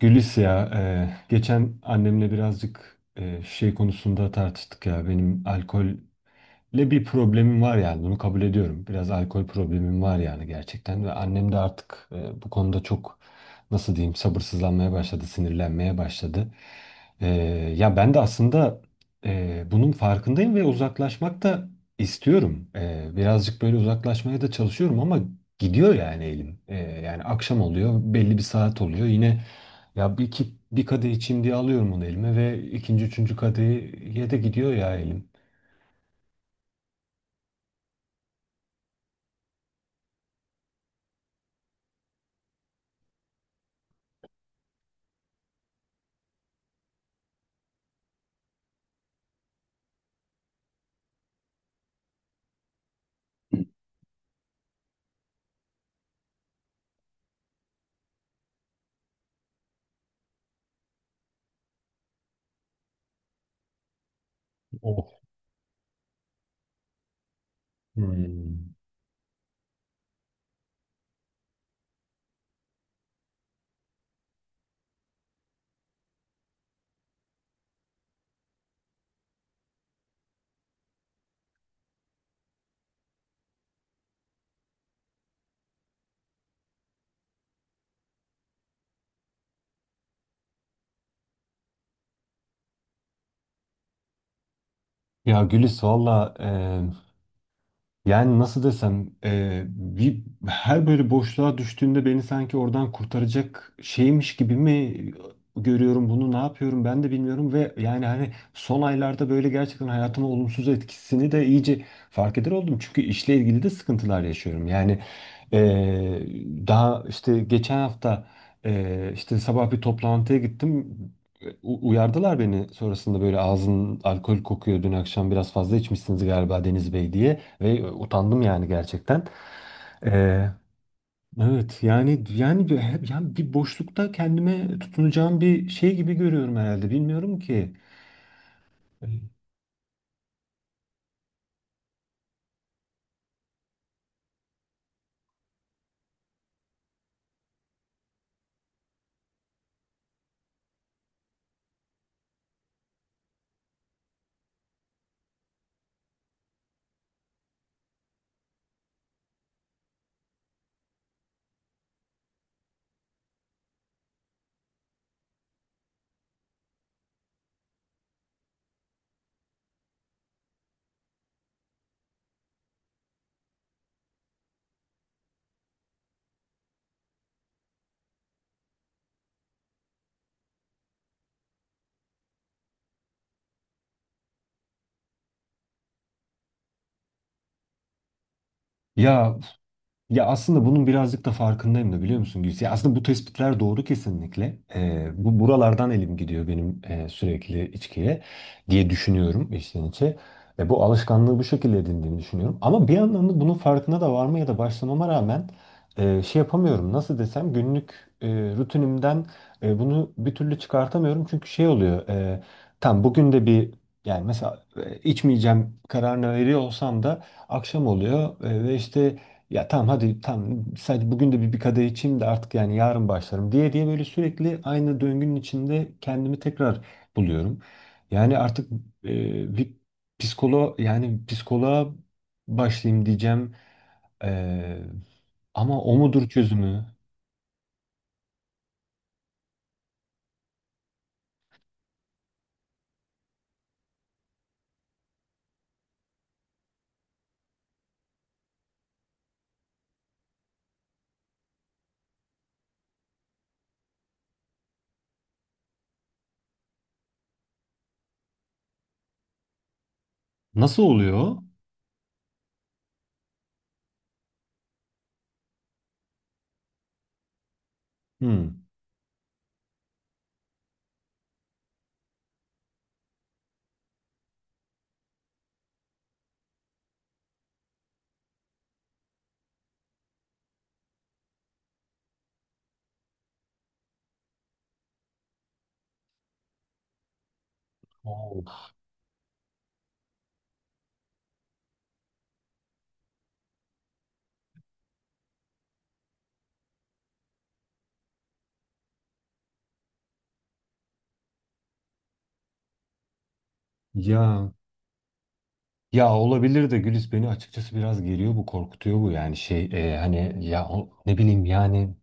Gülis ya, geçen annemle birazcık şey konusunda tartıştık ya. Benim alkolle bir problemim var yani bunu kabul ediyorum. Biraz alkol problemim var yani gerçekten ve annem de artık bu konuda çok nasıl diyeyim sabırsızlanmaya başladı, sinirlenmeye başladı. E, ya ben de aslında bunun farkındayım ve uzaklaşmak da istiyorum. Birazcık böyle uzaklaşmaya da çalışıyorum ama gidiyor yani elim. Yani akşam oluyor, belli bir saat oluyor yine. Ya bir, iki, bir kadeh içeyim diye alıyorum onu elime ve ikinci, üçüncü kadehiye de gidiyor ya elim. Oh. Hmm. Ya Gülis valla. Yani nasıl desem her böyle boşluğa düştüğümde beni sanki oradan kurtaracak şeymiş gibi mi görüyorum bunu. Ne yapıyorum ben de bilmiyorum ve yani hani son aylarda böyle gerçekten hayatıma olumsuz etkisini de iyice fark eder oldum. Çünkü işle ilgili de sıkıntılar yaşıyorum. Yani e, daha işte geçen hafta işte sabah bir toplantıya gittim. Uyardılar beni sonrasında böyle ağzın alkol kokuyor, dün akşam biraz fazla içmişsiniz galiba Deniz Bey diye. Ve utandım yani gerçekten. Ee, evet yani yani bir boşlukta kendime tutunacağım bir şey gibi görüyorum herhalde. Bilmiyorum ki. Ya Ya, aslında bunun birazcık da farkındayım da biliyor musun Gülsü? Ya aslında bu tespitler doğru kesinlikle. Bu Buralardan elim gidiyor benim, sürekli içkiye diye düşünüyorum içten içe. Ve bu alışkanlığı bu şekilde edindiğimi düşünüyorum. Ama bir yandan da bunun farkına da varmaya da başlamama rağmen şey yapamıyorum. Nasıl desem günlük e, rutinimden bunu bir türlü çıkartamıyorum. Çünkü şey oluyor. Tam bugün de yani mesela içmeyeceğim kararını veriyor olsam da akşam oluyor, ve işte ya tamam hadi tamam sadece bugün de bir kadeh içeyim de artık yani yarın başlarım diye diye böyle sürekli aynı döngünün içinde kendimi tekrar buluyorum. Yani artık bir psikoloğa başlayayım diyeceğim. E, ama o mudur çözümü? Nasıl oluyor? Hmm. Oo. Ya Ya, olabilir de Gülis, beni açıkçası biraz geriyor bu, korkutuyor bu yani şey, hani ya ne bileyim yani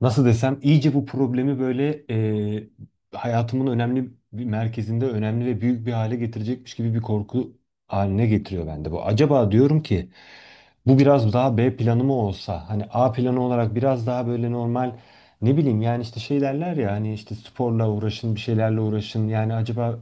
nasıl desem iyice bu problemi böyle hayatımın önemli bir merkezinde önemli ve büyük bir hale getirecekmiş gibi bir korku haline getiriyor bende bu. Acaba diyorum ki bu biraz daha B planı mı olsa, hani A planı olarak biraz daha böyle normal ne bileyim yani işte şey derler ya hani işte sporla uğraşın, bir şeylerle uğraşın yani. Acaba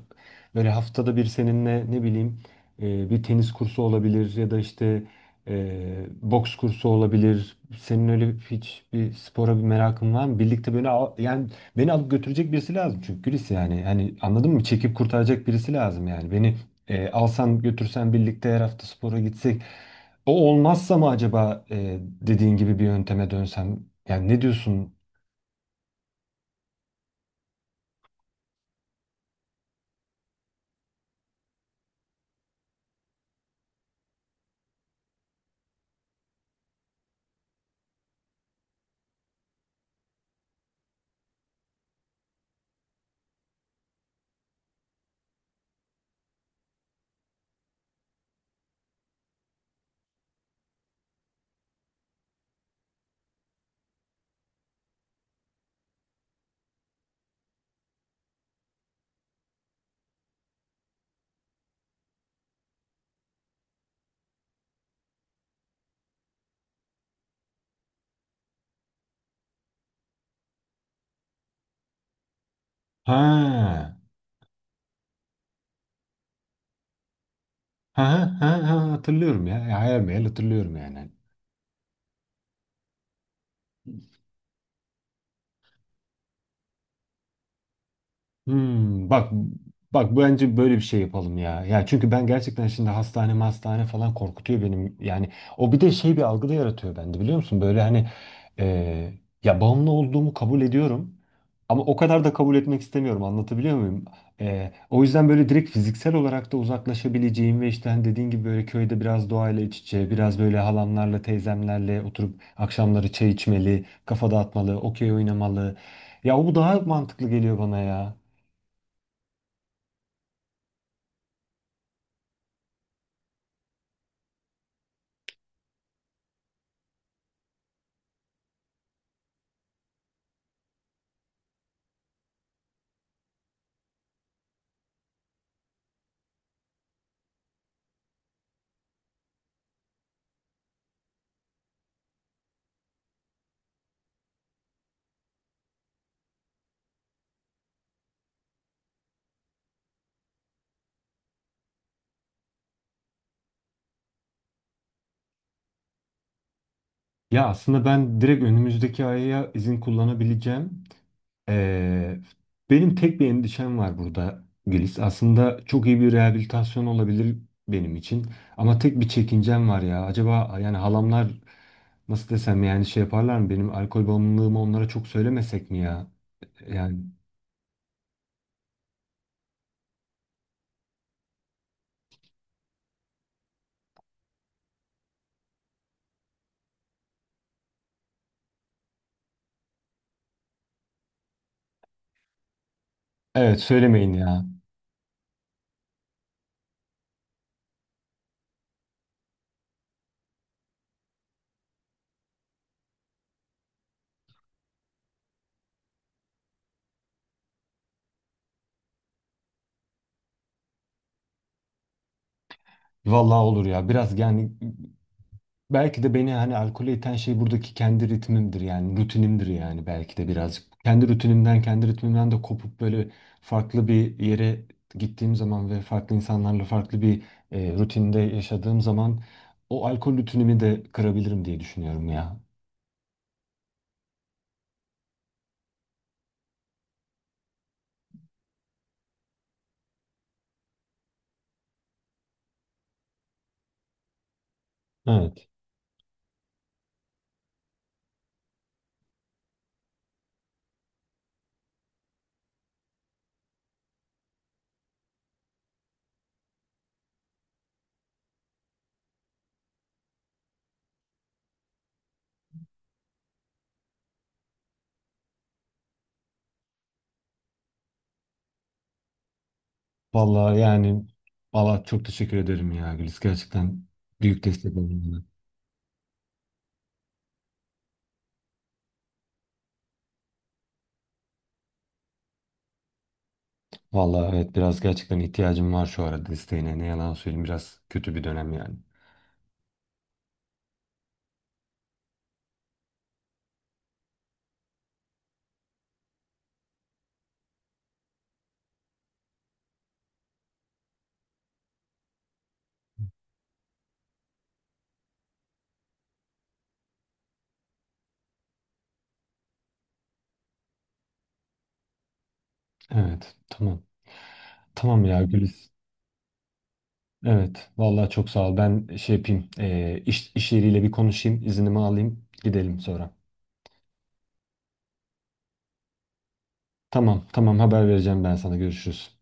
böyle haftada bir seninle ne bileyim, bir tenis kursu olabilir ya da işte boks kursu olabilir. Senin öyle hiç bir spora bir merakın var mı? Birlikte beni al, yani beni alıp götürecek birisi lazım çünkü Gülis yani. Hani anladın mı? Çekip kurtaracak birisi lazım yani. Beni alsan götürsen birlikte her hafta spora gitsek. O olmazsa mı acaba dediğin gibi bir yönteme dönsem? Yani ne diyorsun? Ha, ha, Hatırlıyorum ya. Ya, hayal meyal hatırlıyorum yani. Hmm, bak bak bence böyle bir şey yapalım ya. Ya çünkü ben gerçekten şimdi hastane hastane falan korkutuyor benim. Yani o bir de şey bir algı da yaratıyor bende biliyor musun? Böyle hani e, ya bağımlı olduğumu kabul ediyorum. Ama o kadar da kabul etmek istemiyorum, anlatabiliyor muyum? O yüzden böyle direkt fiziksel olarak da uzaklaşabileceğim ve işte hani dediğin gibi böyle köyde biraz doğayla iç içe, biraz böyle halamlarla teyzemlerle oturup akşamları çay içmeli, kafa dağıtmalı, okey oynamalı. Ya bu daha mantıklı geliyor bana ya. Ya aslında ben direkt önümüzdeki aya izin kullanabileceğim. Ee, benim tek bir endişem var burada Gülis. Aslında çok iyi bir rehabilitasyon olabilir benim için. Ama tek bir çekincem var ya. Acaba yani halamlar nasıl desem yani şey yaparlar mı? Benim alkol bağımlılığımı onlara çok söylemesek mi ya? Yani evet, söylemeyin ya. Vallahi olur ya. Biraz yani. Belki de beni hani alkole iten şey buradaki kendi ritmimdir yani rutinimdir yani belki de birazcık. Kendi rutinimden, kendi ritmimden de kopup böyle farklı bir yere gittiğim zaman ve farklı insanlarla farklı bir rutinde yaşadığım zaman o alkol rutinimi de kırabilirim diye düşünüyorum ya. Evet. Vallahi yani vallahi çok teşekkür ederim ya Gülis. Gerçekten büyük destek oldun bana. Vallahi evet, biraz gerçekten ihtiyacım var şu arada desteğine. Ne yalan söyleyeyim, biraz kötü bir dönem yani. Evet, tamam. Tamam ya Güliz. Evet. Vallahi çok sağ ol. Ben şey yapayım. İş, iş yeriyle bir konuşayım. İznimi alayım. Gidelim sonra. Tamam. Tamam. Haber vereceğim ben sana. Görüşürüz.